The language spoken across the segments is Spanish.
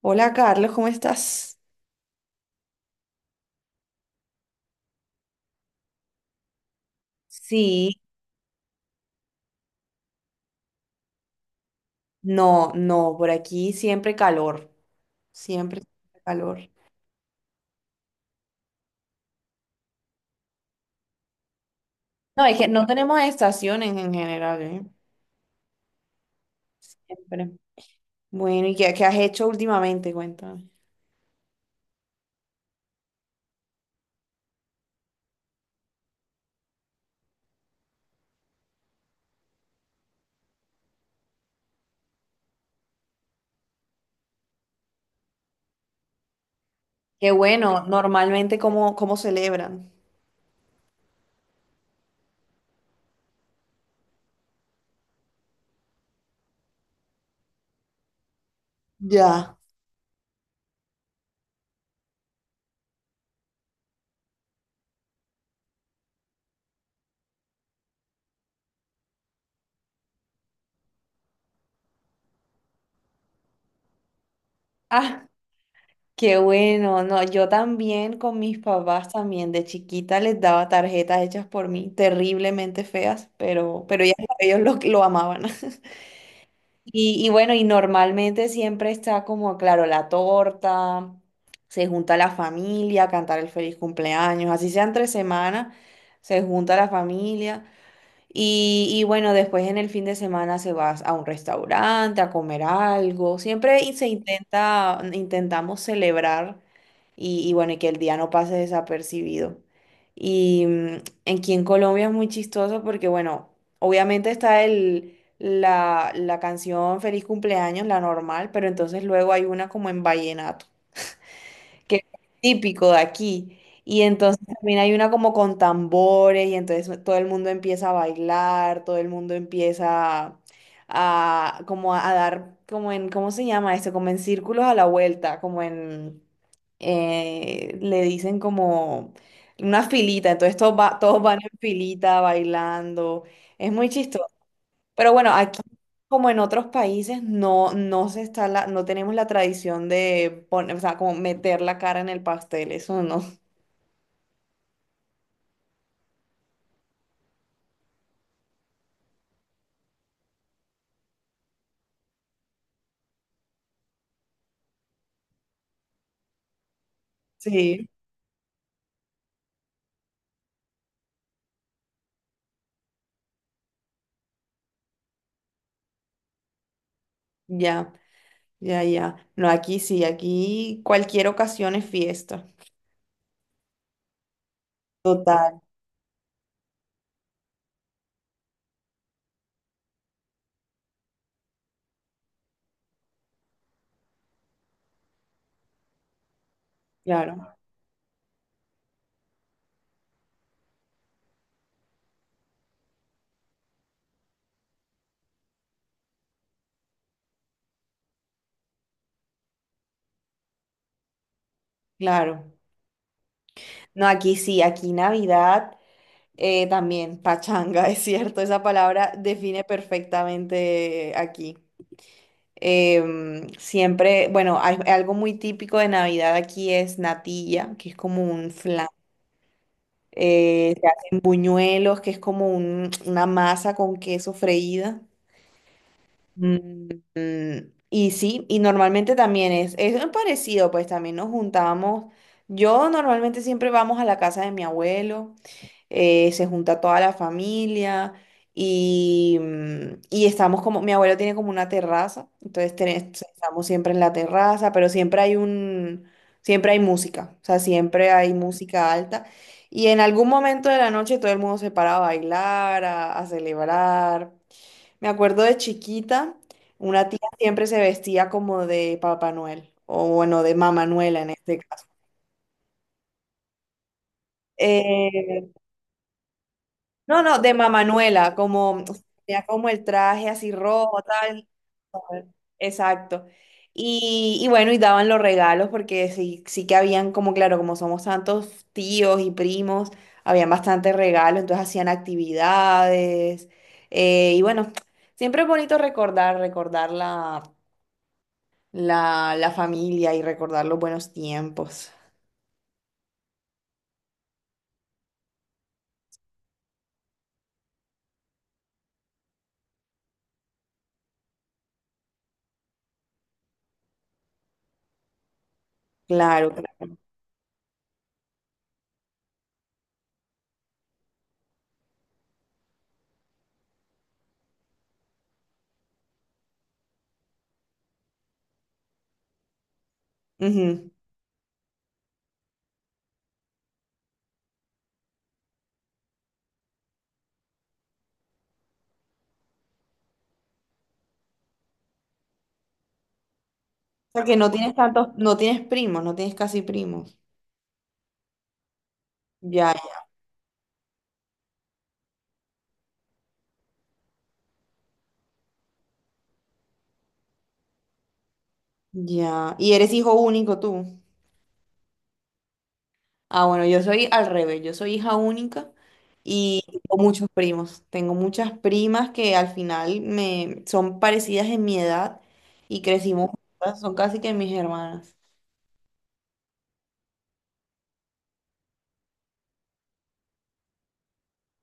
Hola Carlos, ¿cómo estás? Sí, no, no, por aquí siempre calor, siempre calor. No, es que no tenemos estaciones en general, ¿eh? Siempre. Bueno, ¿y qué has hecho últimamente? Cuéntame. Qué bueno, normalmente cómo celebran. Ya. Ah, qué bueno. No, yo también con mis papás también de chiquita les daba tarjetas hechas por mí, terriblemente feas, pero ellos lo amaban. Y bueno, y normalmente siempre está como, claro, la torta, se junta la familia a cantar el feliz cumpleaños, así sean 3 semanas, se junta la familia y bueno, después en el fin de semana se va a un restaurante a comer algo. Siempre y se intentamos celebrar y bueno, y que el día no pase desapercibido. Y mm, aquí en Colombia es muy chistoso porque, bueno, obviamente está la canción Feliz cumpleaños, la normal, pero entonces luego hay una como en vallenato que es típico de aquí. Y entonces también hay una como con tambores y entonces todo el mundo empieza a bailar, todo el mundo empieza a dar, como en, ¿cómo se llama esto? Como en círculos a la vuelta, como en, le dicen como una filita, entonces todos, todos van en filita bailando. Es muy chistoso. Pero bueno, aquí como en otros países no, no se está la, no tenemos la tradición de poner, o sea, como meter la cara en el pastel, eso no. Sí. Ya, ya, ya. No, aquí sí, aquí cualquier ocasión es fiesta. Total, claro, claro. No, aquí sí, aquí Navidad también, pachanga, es cierto, esa palabra define perfectamente aquí. Siempre, bueno, hay, algo muy típico de Navidad aquí es natilla, que es como un flan. Se hacen buñuelos, que es como una masa con queso freída. Mm, y sí, y normalmente también es parecido, pues también nos juntábamos. Yo normalmente siempre vamos a la casa de mi abuelo se junta toda la familia y y estamos como, mi abuelo tiene como una terraza, entonces estamos siempre en la terraza, pero siempre hay un, siempre hay música, o sea, siempre hay música alta. Y en algún momento de la noche todo el mundo se para a bailar, a celebrar. Me acuerdo de chiquita, una tía siempre se vestía como de Papá Noel, o bueno, de Mamá Noela en este caso. Eh, No, no, de Mamanuela, como, o sea, tenía como el traje así rojo, tal. Exacto. Y bueno, y daban los regalos porque sí, sí que habían como, claro, como somos tantos tíos y primos, habían bastantes regalos, entonces hacían actividades. Y bueno, siempre es bonito recordar, recordar la, la, la familia y recordar los buenos tiempos. Claro, claro. Ujú. Porque no tienes tantos, no tienes primos, no tienes casi primos. Ya. Ya, ¿y eres hijo único tú? Ah, bueno, yo soy al revés, yo soy hija única y tengo muchos primos. Tengo muchas primas que al final me son parecidas en mi edad y crecimos juntas, son casi que mis hermanas.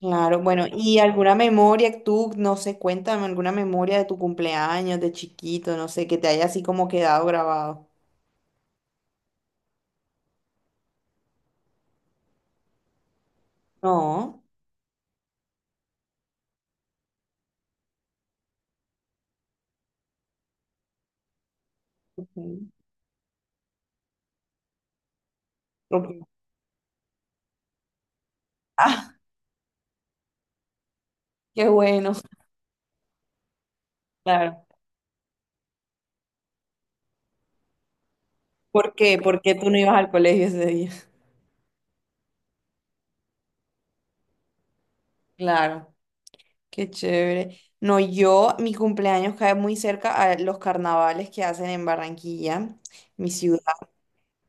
Claro, bueno, ¿y alguna memoria tú, no sé, cuéntame alguna memoria de tu cumpleaños, de chiquito, no sé, que te haya así como quedado grabado? No. Ok. Ok. Ah, qué bueno. Claro. ¿Por qué? ¿Por qué tú no ibas al colegio ese día? Claro. Qué chévere. No, yo, mi cumpleaños cae muy cerca a los carnavales que hacen en Barranquilla, mi ciudad.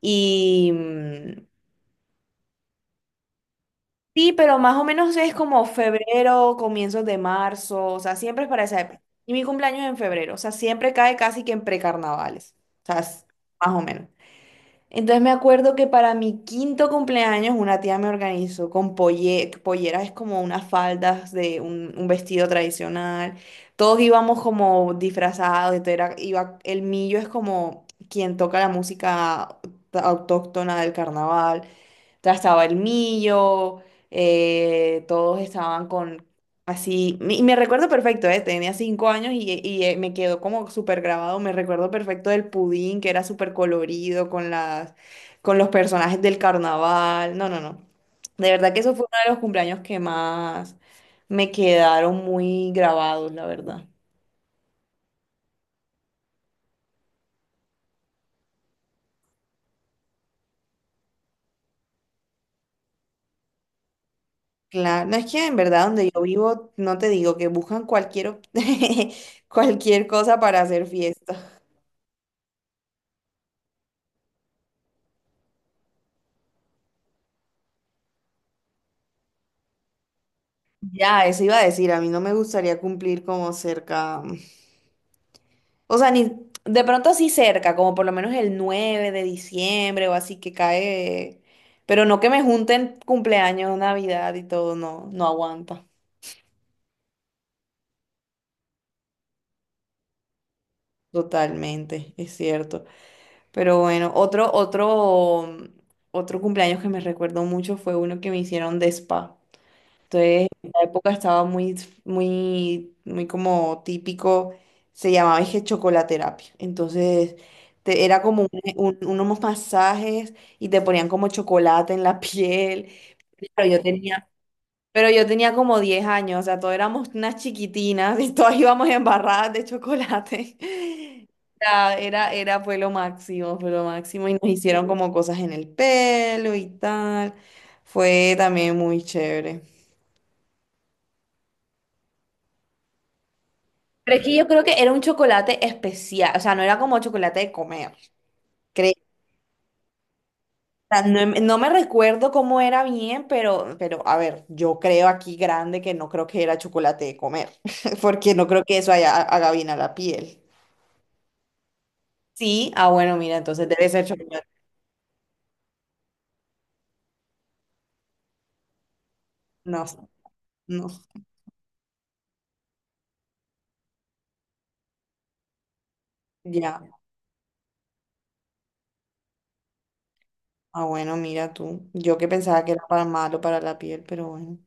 Y mm, sí, pero más o menos es como febrero, comienzos de marzo, o sea, siempre es para esa época. Y mi cumpleaños es en febrero, o sea, siempre cae casi que en precarnavales, o sea, más o menos. Entonces me acuerdo que para mi quinto cumpleaños una tía me organizó con polleras, es como unas faldas de un vestido tradicional. Todos íbamos como disfrazados, entonces iba, el millo es como quien toca la música autóctona del carnaval. O sea, estaba el millo, todos estaban con así, y me recuerdo perfecto, tenía 5 años y me quedó como súper grabado, me recuerdo perfecto del pudín que era súper colorido con las, con los personajes del carnaval, no, no, no. De verdad que eso fue uno de los cumpleaños que más me quedaron muy grabados, la verdad. Claro, no es que en verdad donde yo vivo, no te digo que buscan cualquier, cualquier cosa para hacer fiesta. Ya, eso iba a decir, a mí no me gustaría cumplir como cerca, o sea, ni de pronto así cerca, como por lo menos el 9 de diciembre o así que cae, pero no que me junten cumpleaños, Navidad y todo, no, no aguanta. Totalmente, es cierto. Pero bueno, otro cumpleaños que me recuerdo mucho fue uno que me hicieron de spa. Entonces, en la época estaba muy, muy, muy como típico, se llamaba es que chocolaterapia. Entonces, era como unos masajes y te ponían como chocolate en la piel. Pero yo tenía, pero yo tenía como 10 años, o sea, todos éramos unas chiquitinas y todas íbamos embarradas de chocolate. Era, fue lo máximo, fue lo máximo. Y nos hicieron como cosas en el pelo y tal. Fue también muy chévere. Pero es que yo creo que era un chocolate especial, o sea, no era como chocolate de comer. Creo. No, no me recuerdo cómo era bien, pero a ver, yo creo aquí grande que no creo que era chocolate de comer, porque no creo que eso haya, haga bien a la piel. Sí, ah, bueno, mira, entonces debe ser chocolate. No, no, ya. Ah, bueno, mira tú. Yo que pensaba que era para malo para la piel, pero bueno,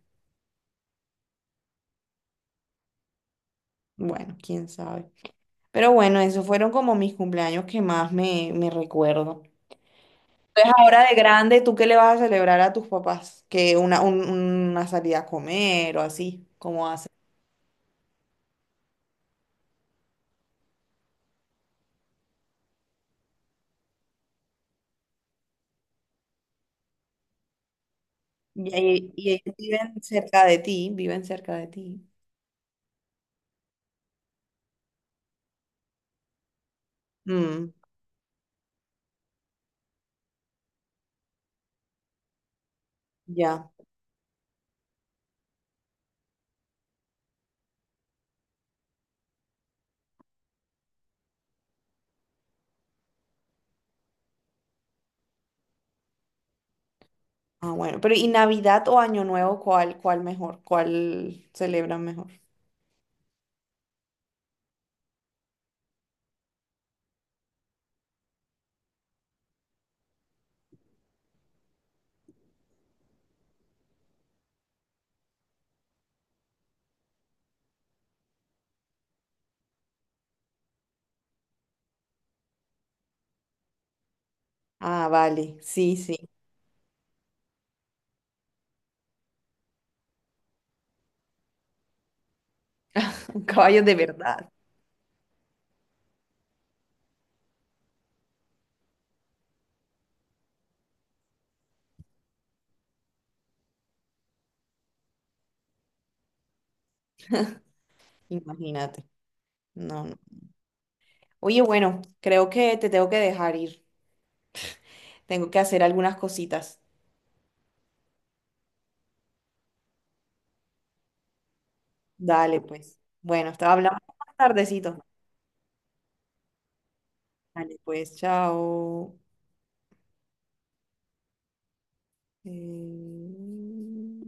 bueno, quién sabe. Pero bueno, esos fueron como mis cumpleaños que más me, me recuerdo. Entonces, ahora de grande, ¿tú qué le vas a celebrar a tus papás? Que una, una salida a comer o así, ¿cómo hacen. Y ellos viven cerca de ti, viven cerca de ti. Mm, ya. Ah, bueno. Pero ¿y Navidad o Año Nuevo, cuál, cuál mejor? ¿Cuál celebran mejor? Ah, vale. Sí, sí. Caballos de verdad. Imagínate. No, no. Oye, bueno, creo que te tengo que dejar ir. Tengo que hacer algunas cositas. Dale, pues. Bueno, hasta hablamos más tardecito. Vale, pues chao. Eh,